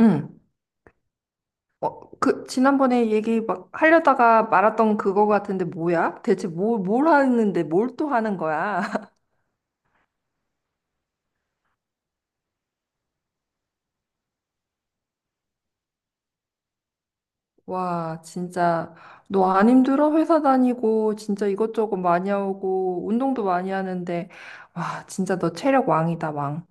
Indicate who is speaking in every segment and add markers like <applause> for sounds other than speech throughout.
Speaker 1: 응. 어, 그, 지난번에 얘기 막 하려다가 말았던 그거 같은데 뭐야? 대체 뭘 하는데 뭘 또 하는 거야? <laughs> 와, 진짜, 너 안 힘들어? 회사 다니고, 진짜 이것저것 많이 하고, 운동도 많이 하는데, 와, 진짜 너 체력 왕이다, 왕.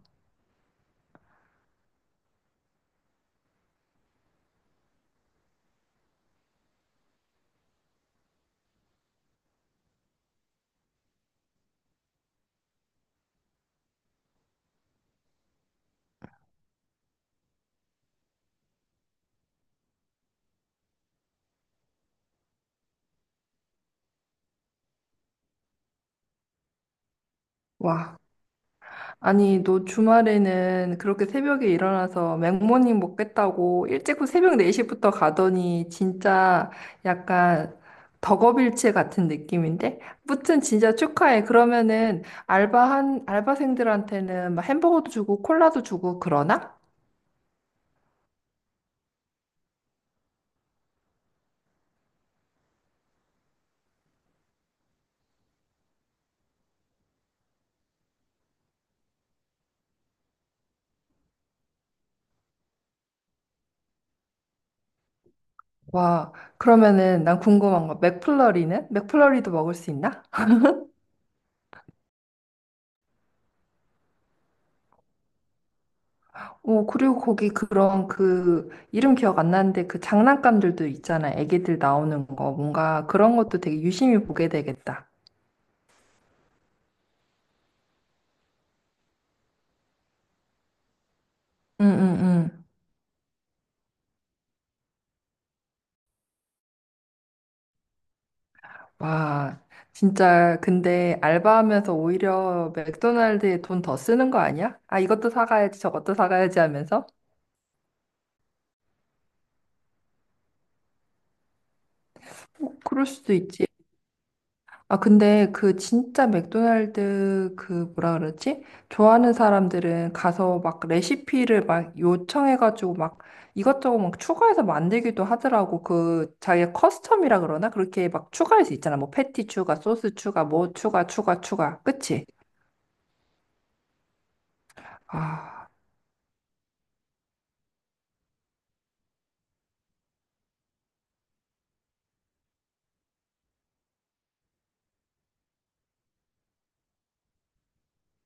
Speaker 1: 와, 아니, 너 주말에는 그렇게 새벽에 일어나서 맥모닝 먹겠다고 일찍 새벽 4시부터 가더니 진짜 약간 덕업일체 같은 느낌인데? 무튼 진짜 축하해. 그러면은 알바한, 알바생들한테는 막 햄버거도 주고 콜라도 주고 그러나? 와, 그러면은 난 궁금한 거. 맥플러리는? 맥플러리도 먹을 수 있나? 오, 그리고 거기 그런 그 이름 기억 안 나는데 그 장난감들도 있잖아. 애기들 나오는 거. 뭔가 그런 것도 되게 유심히 보게 되겠다. 응, 응, 응. 와, 진짜 근데 알바하면서 오히려 맥도날드에 돈 더 쓰는 거 아니야? 아, 이것도 사가야지, 저것도 사가야지 하면서? 어, 그럴 수도 있지. 아, 근데 그 진짜 맥도날드 그 뭐라 그러지? 좋아하는 사람들은 가서 막 레시피를 막 요청해가지고 막 이것저것 막 추가해서 만들기도 하더라고. 그 자기가 커스텀이라 그러나? 그렇게 막 추가할 수 있잖아. 뭐 패티 추가, 소스 추가, 뭐 추가, 추가, 추가. 그치? 아,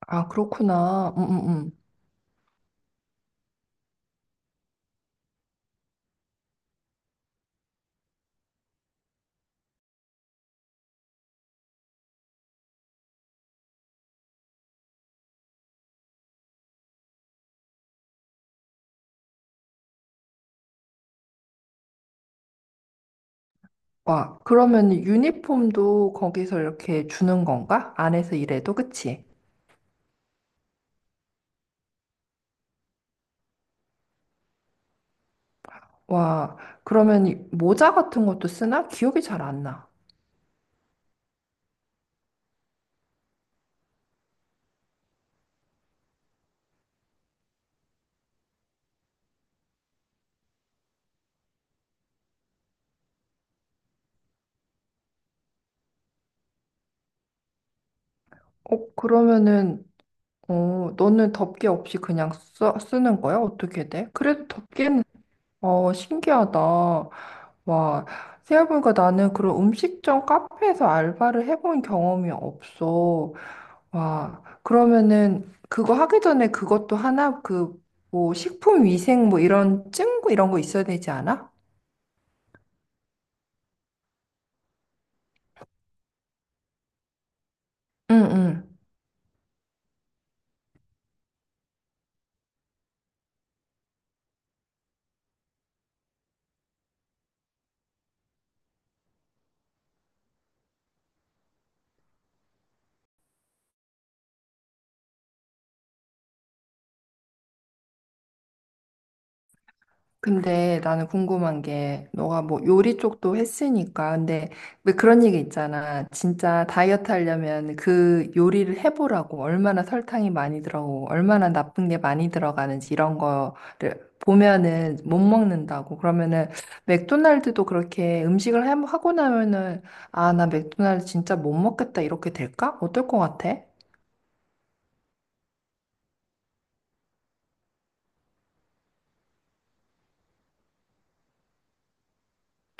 Speaker 1: 그렇구나. 와, 그러면 유니폼도 거기서 이렇게 주는 건가? 안에서 일해도, 그치? 와, 그러면 모자 같은 것도 쓰나? 기억이 잘 안 나. 어, 그러면은, 어, 너는 덮개 없이 그냥 써, 쓰는 거야? 어떻게 돼? 그래도 덮개는, 어, 신기하다. 와, 생각해보니까 나는 그런 음식점 카페에서 알바를 해본 경험이 없어. 와, 그러면은, 그거 하기 전에 그것도 하나, 그, 뭐, 식품 위생 뭐 이런 증거 이런 거 있어야 되지 않아? 응, 응. 근데 나는 궁금한 게 너가 뭐 요리 쪽도 했으니까 근데 왜 그런 얘기 있잖아. 진짜 다이어트 하려면 그 요리를 해보라고 얼마나 설탕이 많이 들어가고 얼마나 나쁜 게 많이 들어가는지 이런 거를 보면은 못 먹는다고. 그러면은 맥도날드도 그렇게 하고 나면은 아, 나 맥도날드 진짜 못 먹겠다 이렇게 될까? 어떨 것 같아?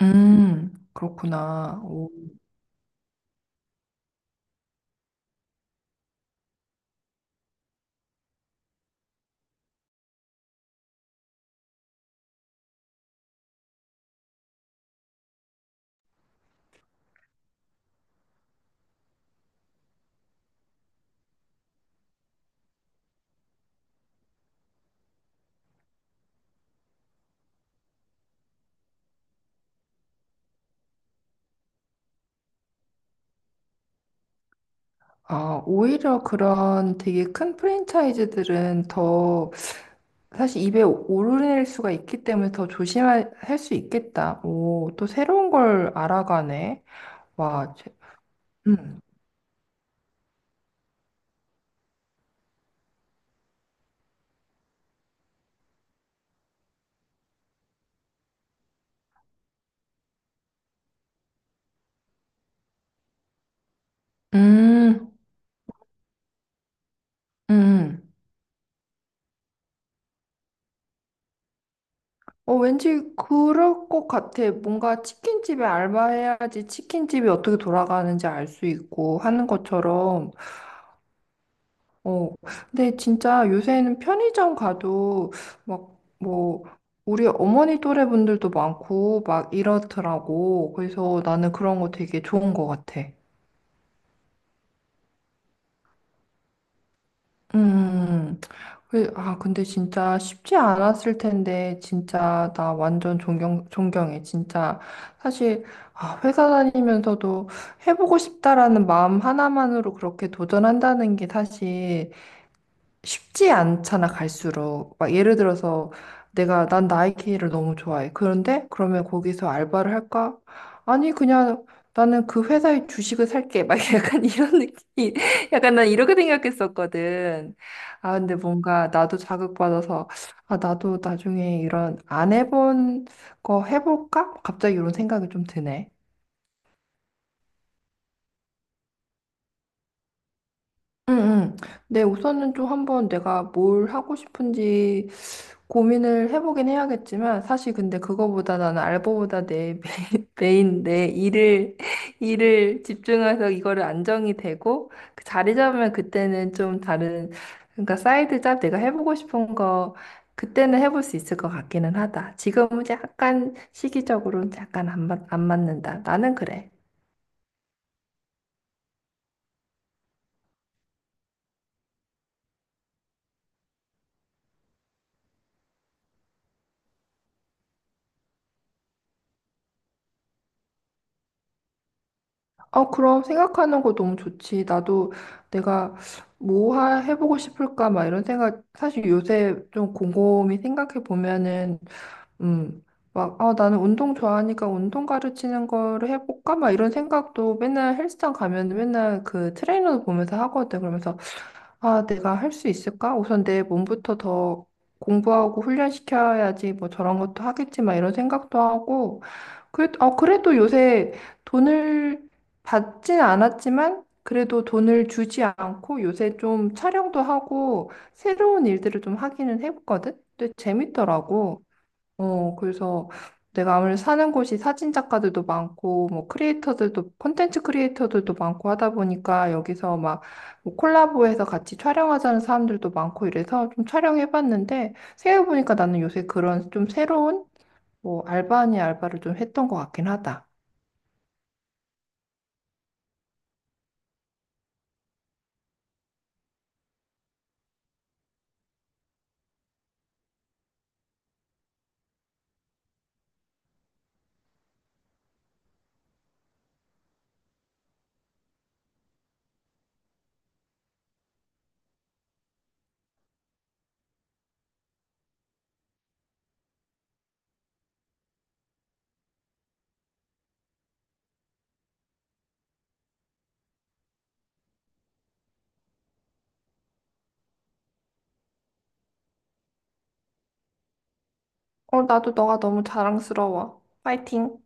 Speaker 1: 그렇구나. 아, 오히려 그런 되게 큰 프랜차이즈들은 더 사실 입에 오르내릴 수가 있기 때문에 더 조심할 수 있겠다. 오, 또 새로운 걸 알아가네. 와, 제, 음, 음, 음. 어, 왠지 그럴 것 같아. 뭔가 치킨집에 알바해야지 치킨집이 어떻게 돌아가는지 알 수 있고 하는 것처럼 어, 근데 진짜 요새는 편의점 가도 막 뭐 우리 어머니 또래 분들도 많고 막 이렇더라고. 그래서 나는 그런 거 되게 좋은 것 같아. 음, 그- 아, 근데 진짜 쉽지 않았을 텐데, 진짜 나 완전 존경, 존경해. 진짜 사실 아, 회사 다니면서도 해보고 싶다라는 마음 하나만으로 그렇게 도전한다는 게 사실 쉽지 않잖아, 갈수록. 막 예를 들어서 내가 난 나이키를 너무 좋아해. 그런데 그러면 거기서 알바를 할까? 아니, 그냥 나는 그 회사의 주식을 살게. 막 <laughs> 약간 이런 느낌. 약간 난 이렇게 생각했었거든. 아, 근데 뭔가 나도 자극받아서 아, 나도 나중에 이런 안 해본 거 해볼까? 갑자기 이런 생각이 좀 드네. 응, 응. 네, 우선은 좀 한번 내가 뭘 하고 싶은지 고민을 해보긴 해야겠지만 사실 근데 그거보다 나는 알바보다 <laughs> 메인 내 일을 <laughs> 일을 집중해서 이거를 안정이 되고 그 자리 잡으면 그때는 좀 다른 그러니까 사이드 잡 내가 해보고 싶은 거 그때는 해볼 수 있을 것 같기는 하다. 지금은 약간 시기적으로는 약간 안, 맞- 안 맞는다. 나는 그래. 아, 그럼 생각하는 거 너무 좋지. 나도 내가 해보고 싶을까, 막 이런 생각, 사실 요새 좀 곰곰이 생각해 보면은, 음, 막, 아, 나는 운동 좋아하니까 운동 가르치는 거를 해볼까, 막 이런 생각도 맨날 헬스장 가면 맨날 그 트레이너 보면서 하거든. 그러면서 아, 내가 할 수 있을까? 우선 내 몸부터 더 공부하고 훈련시켜야지 뭐 저런 것도 하겠지 막 이런 생각도 하고 그래, 어, 그래도 요새 돈을 받진 않았지만 그래도 돈을 주지 않고 요새 좀 촬영도 하고 새로운 일들을 좀 하기는 해봤거든? 근데 재밌더라고. 어, 그래서 내가 아무래도 사는 곳이 사진 작가들도 많고, 뭐, 크리에이터들도, 콘텐츠 크리에이터들도 많고 하다 보니까 여기서 막, 뭐 콜라보해서 같이 촬영하자는 사람들도 많고 이래서 좀 촬영해봤는데, 생각해보니까 나는 요새 그런 좀 새로운, 뭐, 알바 아닌 알바를 좀 했던 것 같긴 하다. 어, 나도 너가 너무 자랑스러워. 파이팅!